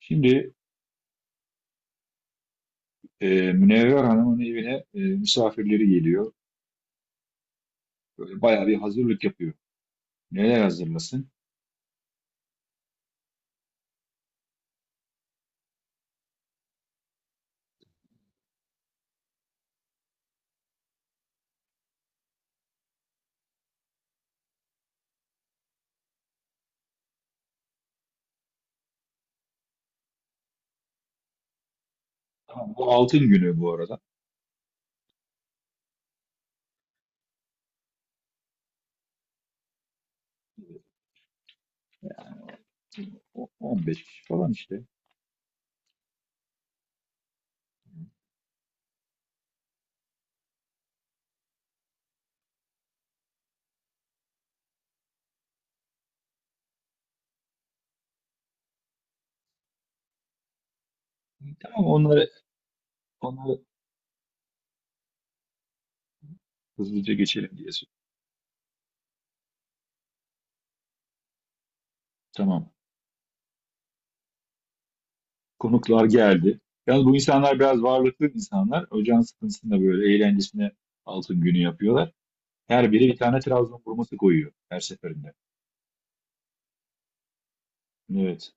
Şimdi Münevver Hanım'ın evine misafirleri geliyor. Böyle bayağı bir hazırlık yapıyor. Neler hazırlasın? Tamam, bu altın günü bu arada. 15 kişi falan işte. Tamam onları, onları hızlıca geçelim diye. Tamam. Konuklar geldi. Yalnız bu insanlar biraz varlıklı insanlar. Ocağın sıkıntısında böyle eğlencesine altın günü yapıyorlar. Her biri bir tane Trabzon vurması koyuyor her seferinde. Evet.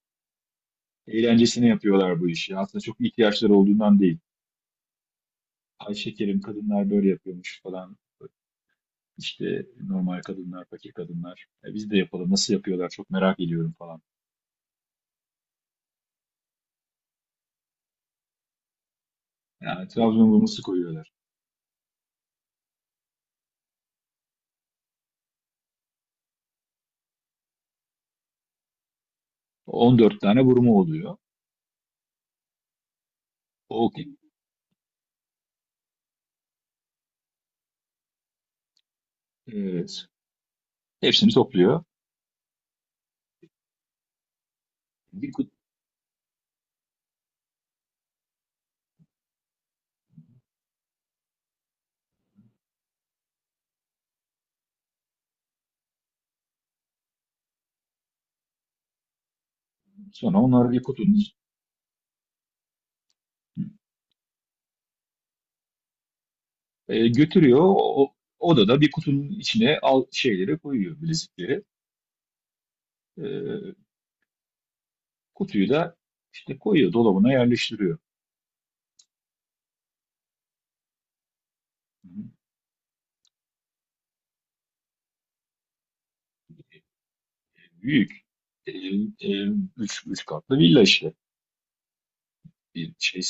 Eğlencesine yapıyorlar bu işi. Aslında çok ihtiyaçları olduğundan değil. Ay şekerim, kadınlar böyle yapıyormuş falan. İşte normal kadınlar, fakir kadınlar. Biz de yapalım. Nasıl yapıyorlar? Çok merak ediyorum falan. Yani Trabzon vurması koyuyorlar. 14 tane vurma oluyor. O, evet, hepsini topluyor. Bir kut- Sonra onları bir kutunun götürüyor. Odada bir kutunun içine al şeyleri koyuyor, bilezikleri. E, Kutuyu da işte koyuyor, dolabına yerleştiriyor. Hı hı. Büyük. E, e, üç katlı villa işte. Bir şey.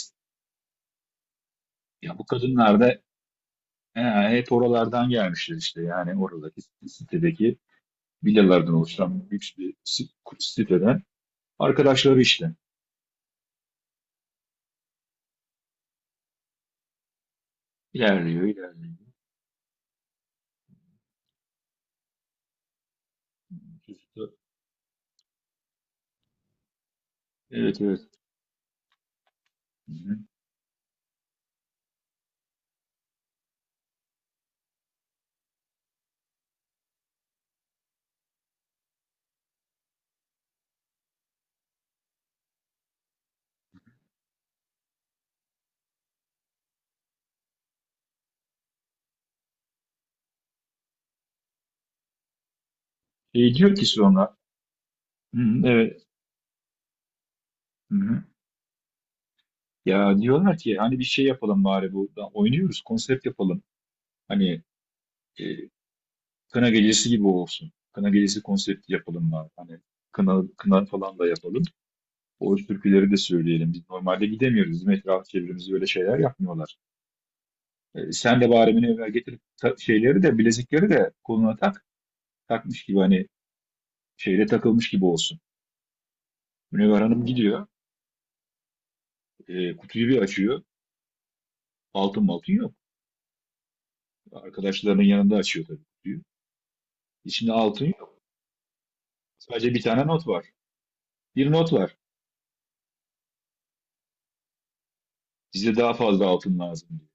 Ya bu kadınlar da he, hep oralardan gelmişler işte, yani oradaki sitedeki villalardan oluşan büyük siteden arkadaşları işte. İlerliyor, ilerliyor. Evet, evet. Hı-hı. Diyor ki sonra, hı-hı, evet, hı-hı. Ya diyorlar ki hani bir şey yapalım bari, bu oynuyoruz, konsept yapalım. Hani e, kına gecesi gibi olsun. Kına gecesi konsepti yapalım bari. Hani kına falan da yapalım. O türküleri de söyleyelim. Biz normalde gidemiyoruz. Bizim etraf çevremizi öyle şeyler yapmıyorlar. Sen de bari beni evvel getir. Şeyleri de, bilezikleri de koluna tak. Takmış gibi hani, şeyle takılmış gibi olsun. Münevver Hanım gidiyor. Kutuyu bir açıyor. Altın maltın yok. Arkadaşlarının yanında açıyor tabii kutuyu. İçinde altın yok. Sadece bir tane not var. Bir not var. Bize daha fazla altın lazım diyor.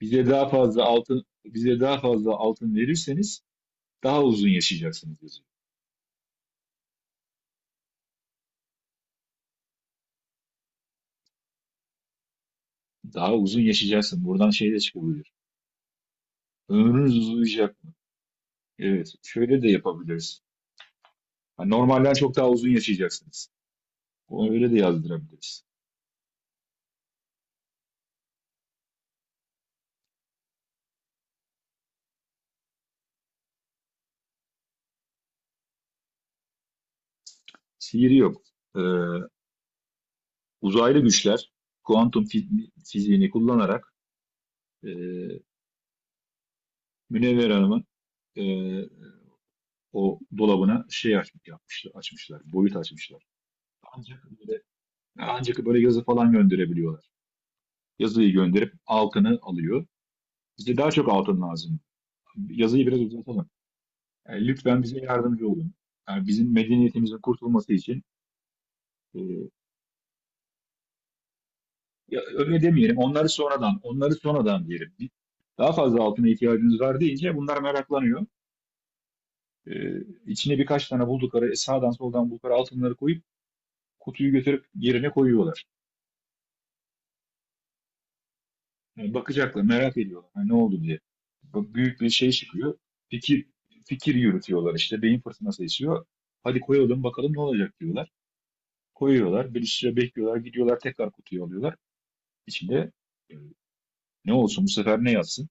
Bize daha fazla altın verirseniz daha uzun yaşayacaksınız yazıyor. Daha uzun yaşayacaksın. Buradan şey de çıkabilir. Ömrünüz uzayacak mı? Evet. Şöyle de yapabiliriz. Hani normalden çok daha uzun yaşayacaksınız. Onu öyle de yazdırabiliriz. Sihir yok. Ee, Uzaylı güçler kuantum fiziğini kullanarak e, Münevver Hanım'ın e, o dolabına açmışlar, boyut açmışlar. Ancak böyle, ancak böyle yazı falan gönderebiliyorlar. Yazıyı gönderip altını alıyor. Bize daha çok altın lazım. Yazıyı biraz uzatalım. Yani lütfen bize yardımcı olun. Yani bizim medeniyetimizin kurtulması için e, ya öyle demeyelim. Onları sonradan diyelim. Daha fazla altına ihtiyacınız var deyince bunlar meraklanıyor. E, içine birkaç tane buldukları, sağdan soldan buldukları altınları koyup kutuyu götürüp yerine koyuyorlar. Yani bakacaklar, merak ediyorlar. Yani ne oldu diye. Bu büyük bir şey çıkıyor. Fikir fikir yürütüyorlar işte. Beyin fırtınası esiyor. Hadi koyalım bakalım ne olacak diyorlar. Koyuyorlar. Bir süre bekliyorlar. Gidiyorlar, tekrar kutuyu alıyorlar. İçinde e, ne olsun bu sefer, ne yazsın?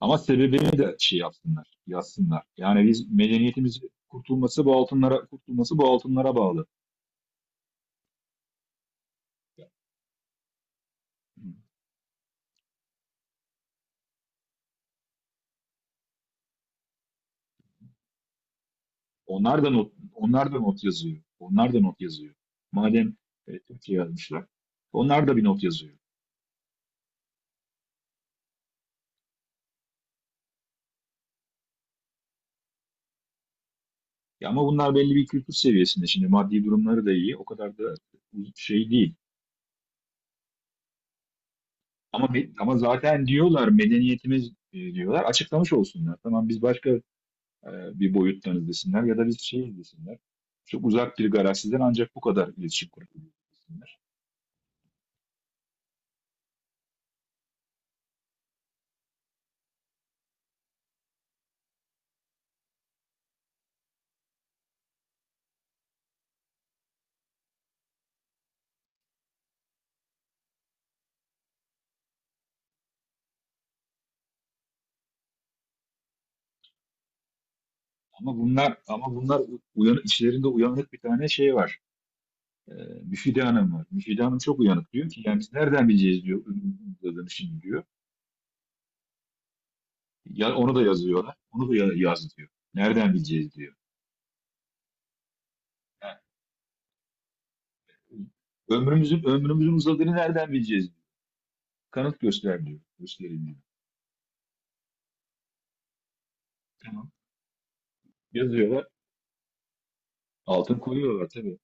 Ama sebebini de şey yapsınlar, yazsınlar. Yani biz, medeniyetimiz kurtulması bu altınlara bağlı. Onlar da not yazıyor. Onlar da not yazıyor. Madem Türkiye yazmışlar, onlar da bir not yazıyor. Ya ama bunlar belli bir kültür seviyesinde. Şimdi maddi durumları da iyi, o kadar da şey değil. Ama ama zaten diyorlar medeniyetimiz diyorlar. Açıklamış olsunlar. Tamam, biz başka bir boyuttan izlesinler ya da biz şey izlesinler. Çok uzak bir galaksiden ancak bu kadar iletişim kurabiliyorlar. Ama bunlar uyan, içlerinde uyanık bir tane şey var. E, Müfide Hanım var. Müfide Hanım çok uyanık, diyor ki yani biz nereden bileceğiz diyor, ürünün şimdi diyor. Ya, onu da yazıyorlar. Onu da yaz diyor. Nereden bileceğiz diyor. Yani, ömrümüzün uzadığını nereden bileceğiz diyor. Kanıt göster diyor. Gösterin diyor. Tamam. Yazıyorlar. Altın koyuyorlar tabii.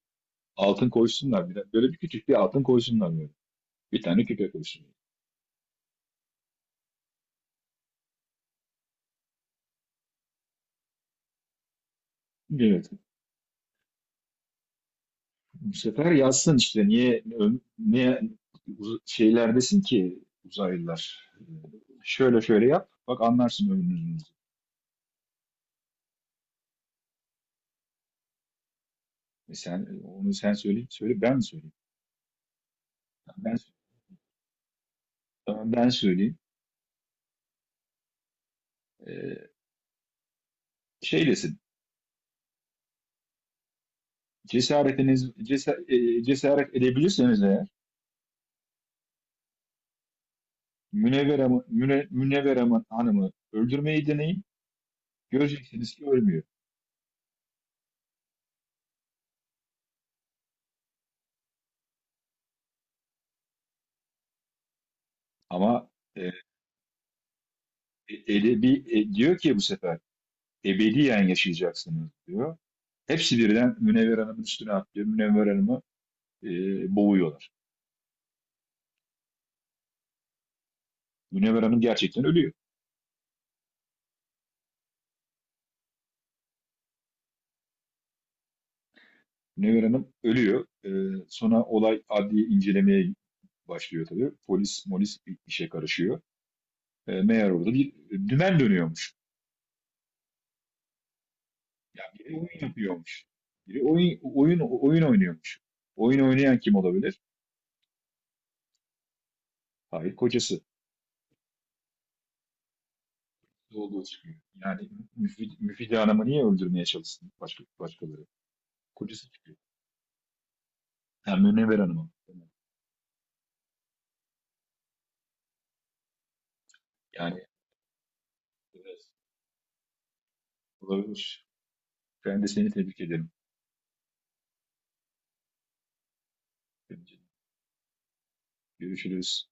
Altın koysunlar bir de. Böyle bir küçük bir altın koysunlar böyle. Bir tane küpe koysunlar. Evet. Bu sefer yazsın işte, niye şeylerdesin ki uzaylılar. Şöyle şöyle yap. Bak, anlarsın ömrünüzü. Sen söyle, söyle ben mi söyleyeyim? Tamam, Ben tamam, ben söyleyeyim. Ee, Şey desin. Cesaret edebilirseniz eğer Münevver Hanım'ı öldürmeyi deneyin. Göreceksiniz ki ölmüyor. Ama e, diyor ki bu sefer ebediyen yaşayacaksınız diyor. Hepsi birden Münevver Hanım'ın üstüne atlıyor. Münevver Hanım'ı e, boğuyorlar. Münevver Hanım gerçekten ölüyor. Münevver Hanım ölüyor. Sonra olay adli incelemeye başlıyor tabii. Polis molis bir işe karışıyor. Meğer orada bir dümen dönüyormuş. Yani biri oyun yapıyormuş. Biri oyun oynuyormuş. Oyun oynayan kim olabilir? Hayır, kocası. Olduğu çıkıyor. Yani Müfide Hanım'ı niye öldürmeye çalışsın başkaları? Kocası çıkıyor. Hem Münevver Hanım'ı. Yani evet, olabilir. Ben de seni tebrik ederim. Görüşürüz.